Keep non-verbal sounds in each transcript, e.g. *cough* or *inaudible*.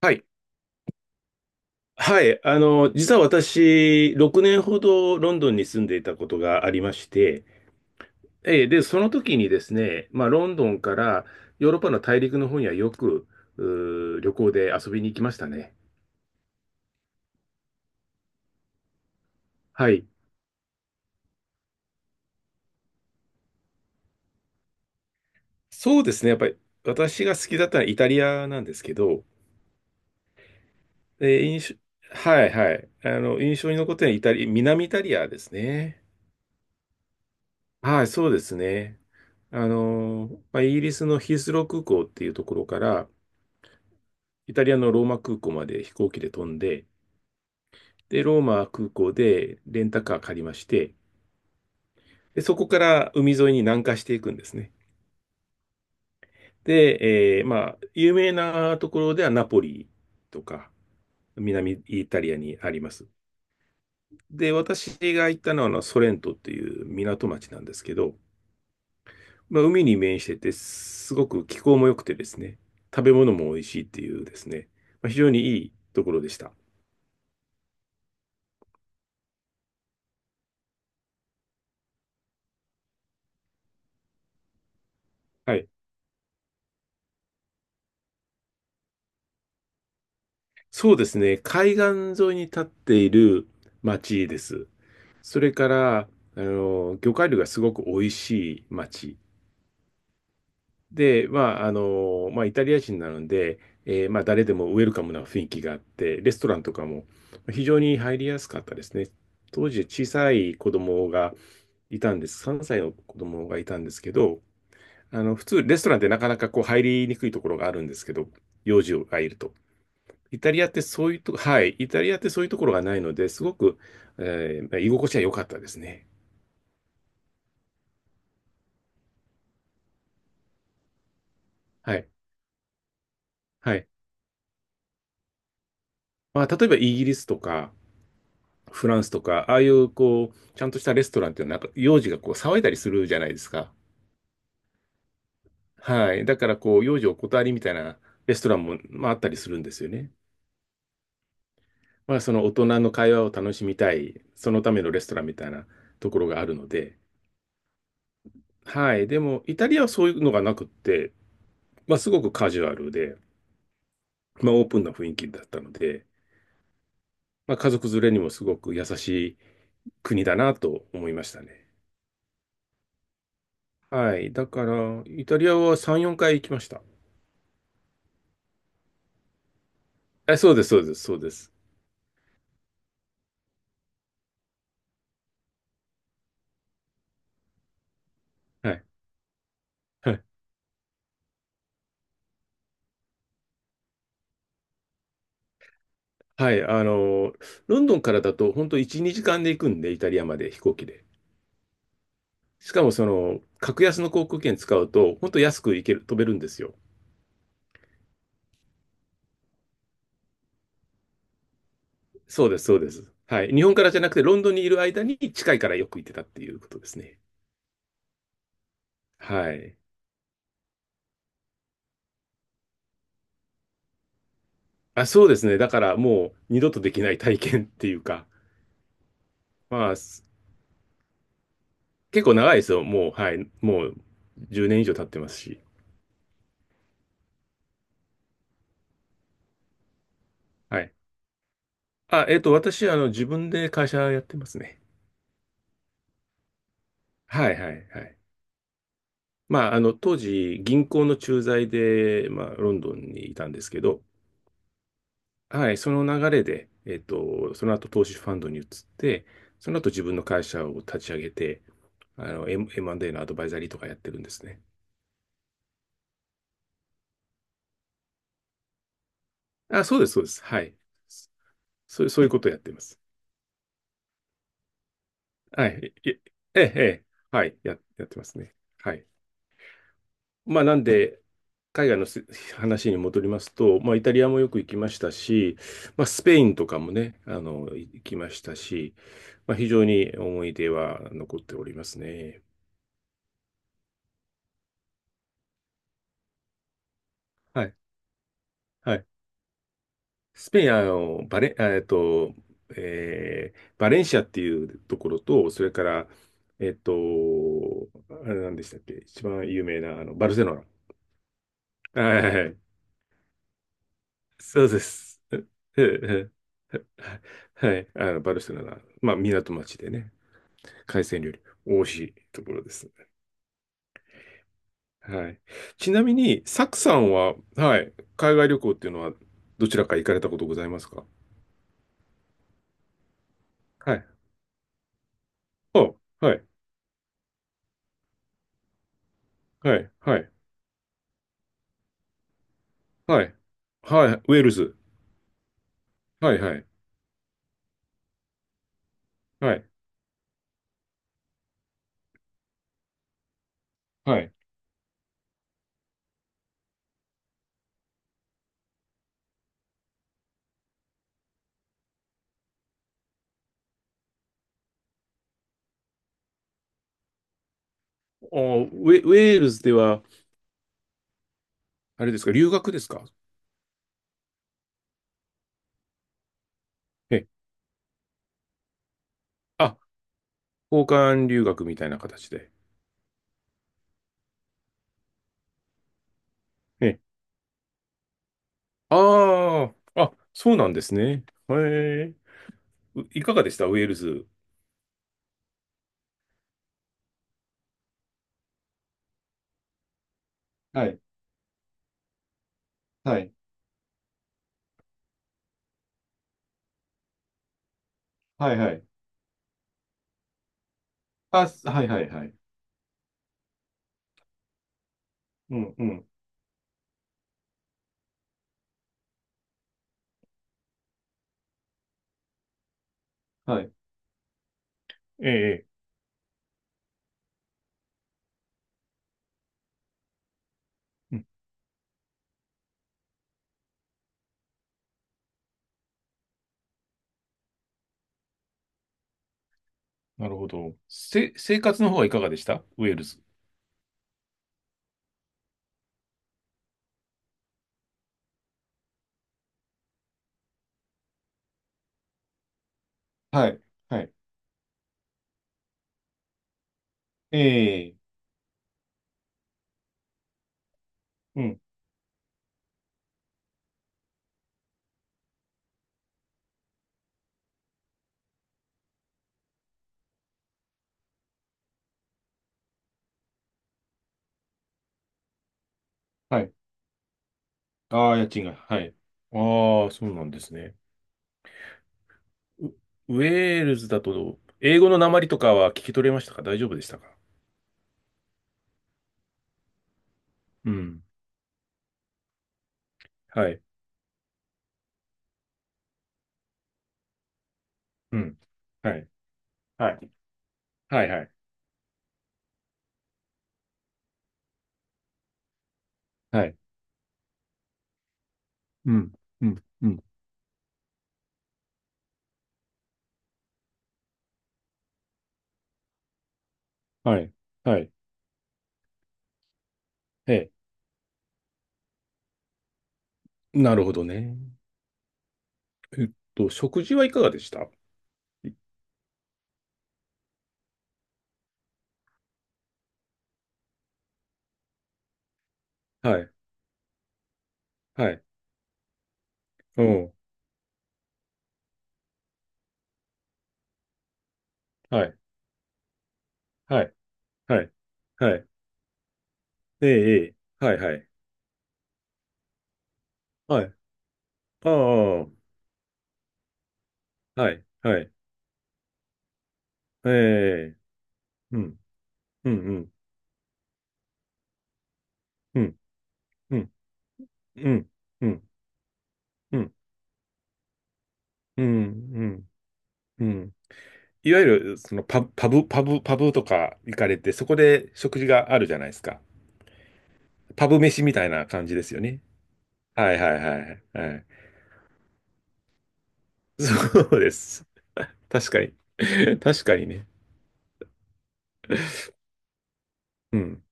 はい。はい。実は私、6年ほどロンドンに住んでいたことがありまして、で、その時にですね、ロンドンからヨーロッパの大陸の方にはよく、旅行で遊びに行きましたね。はい。そうですね。やっぱり私が好きだったのはイタリアなんですけど、えー印象、はいはい。印象に残ってるのはイタリ、南イタリアですね。はい、そうですね。イギリスのヒースロー空港っていうところから、イタリアのローマ空港まで飛行機で飛んで、で、ローマ空港でレンタカー借りまして、で、そこから海沿いに南下していくんですね。で、有名なところではナポリとか、南イタリアにあります。で、私が行ったのはあのソレントっていう港町なんですけど、海に面してて、すごく気候も良くてですね、食べ物も美味しいっていうですね、非常にいいところでした。はい。そうですね。海岸沿いに立っている町です。それから、魚介類がすごく美味しい町。で、イタリア人なので、誰でもウェルカムな雰囲気があって、レストランとかも非常に入りやすかったですね。当時小さい子供がいたんです。3歳の子供がいたんですけど、普通レストランってなかなかこう入りにくいところがあるんですけど、幼児がいると。イタリアってそういうとこ、はい、イタリアってそういうところがないので、すごく、居心地は良かったですね。はい。はい。例えばイギリスとか、フランスとか、ああいう、こう、ちゃんとしたレストランっていうのは、なんか、幼児がこう、騒いだりするじゃないですか。はい。だから、こう、幼児お断りみたいなレストランも、あったりするんですよね。その大人の会話を楽しみたい、そのためのレストランみたいなところがあるので、はい。でも、イタリアはそういうのがなくって、すごくカジュアルで、オープンな雰囲気だったので、家族連れにもすごく優しい国だなと思いましたね。はい。だから、イタリアは3、4回行きました。え、そうです、そうです、そうです。はい。*laughs* はい。はい。ロンドンからだと、本当1、2時間で行くんで、イタリアまで飛行機で。しかも、その、格安の航空券使うと、本当安く行ける、飛べるんですよ。そうです、そうです。はい。日本からじゃなくて、ロンドンにいる間に近いからよく行ってたっていうことですね。はい。あ、そうですね。だからもう二度とできない体験っていうか、まあ、結構長いですよ。もう、はい。もう10年以上経ってますし。はい。あ、私、自分で会社やってますね。はい、はい、はい。当時、銀行の駐在で、ロンドンにいたんですけど、はい、その流れで、その後、投資ファンドに移って、その後、自分の会社を立ち上げて、M&A のアドバイザリーとかやってるんですね。あ、そうです、そうです。はい。そういうことをやってます。はい。いえ、ええ、ええ、はい。やってますね。はい。なんで、海外のす話に戻りますと、イタリアもよく行きましたし、スペインとかもね、行きましたし、非常に思い出は残っておりますね。はい。はい。スペイン、バレンシアっていうところと、それから、えっと、あれなんでしたっけ、一番有名な、バルセロナ。はいはい、そうです。ええええ*laughs* はい。バルセロナ、港町でね、海鮮料理、美味しいところですね。はい。ちなみに、サクさんは、はい、海外旅行っていうのは、どちらか行かれたことございますか？はい。お、はい、はい、はい、はい、はい、ウェールズ。はい、はい、はい、はい。お、ウェールズでは、あれですか、留学ですか？ええ、あ、交換留学みたいな形で。え、ああ、あ、そうなんですね。へえ。いかがでしたウェールズ？はい、はい、はい、はい。あ、はい、はい、はい。うん、うん、はい、ええ、ええ、うん、なるほど。生活の方はいかがでしたウェールズ？はい、はい。ええ、うん、はい。ああ、家賃が、はい。ああ、そうなんですね。ウ、ウェールズだと、英語の訛りとかは聞き取れましたか？大丈夫でしたか？うん。はい。うん。はい。はい。はいはい。はい。うん。うん。うん、はい。はい。ええ。なるほどね。食事はいかがでしたい？はい。はい。うん。はい。はい。はい。はい。ええ、ええ。はい、はい。はい。ああ、はい。はい。ええ。うん。うん、うん。うん。うん。うん。うん。うん。うん。いわゆる、そのパブとか行かれて、そこで食事があるじゃないですか。パブ飯みたいな感じですよね。はいはいはい。はい。*laughs* そうです。確かに。*laughs* 確かにね。うん。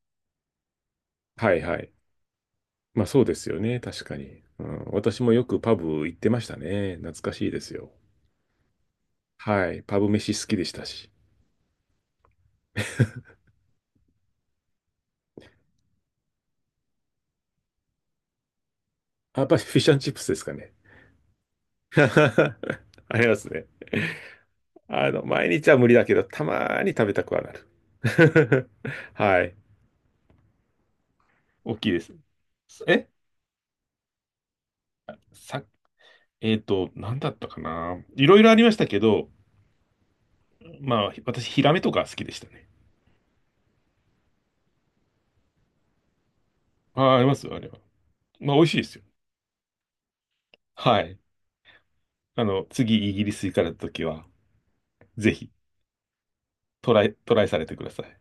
はいはい。そうですよね。確かに。うん。私もよくパブ行ってましたね。懐かしいですよ。はい。パブ飯好きでしたし。あ、やっぱりフィッシュチップスですかね。*laughs* ありますね。毎日は無理だけど、たまーに食べたくはなる。*laughs* はい。大きいです。え、さ、えっと、なんだったかな。いろいろありましたけど、私、ヒラメとか好きでしたね。あー、ありますよ、あれは。美味しいですよ。はい。次イギリス行かれた時は、ぜひトライされてください。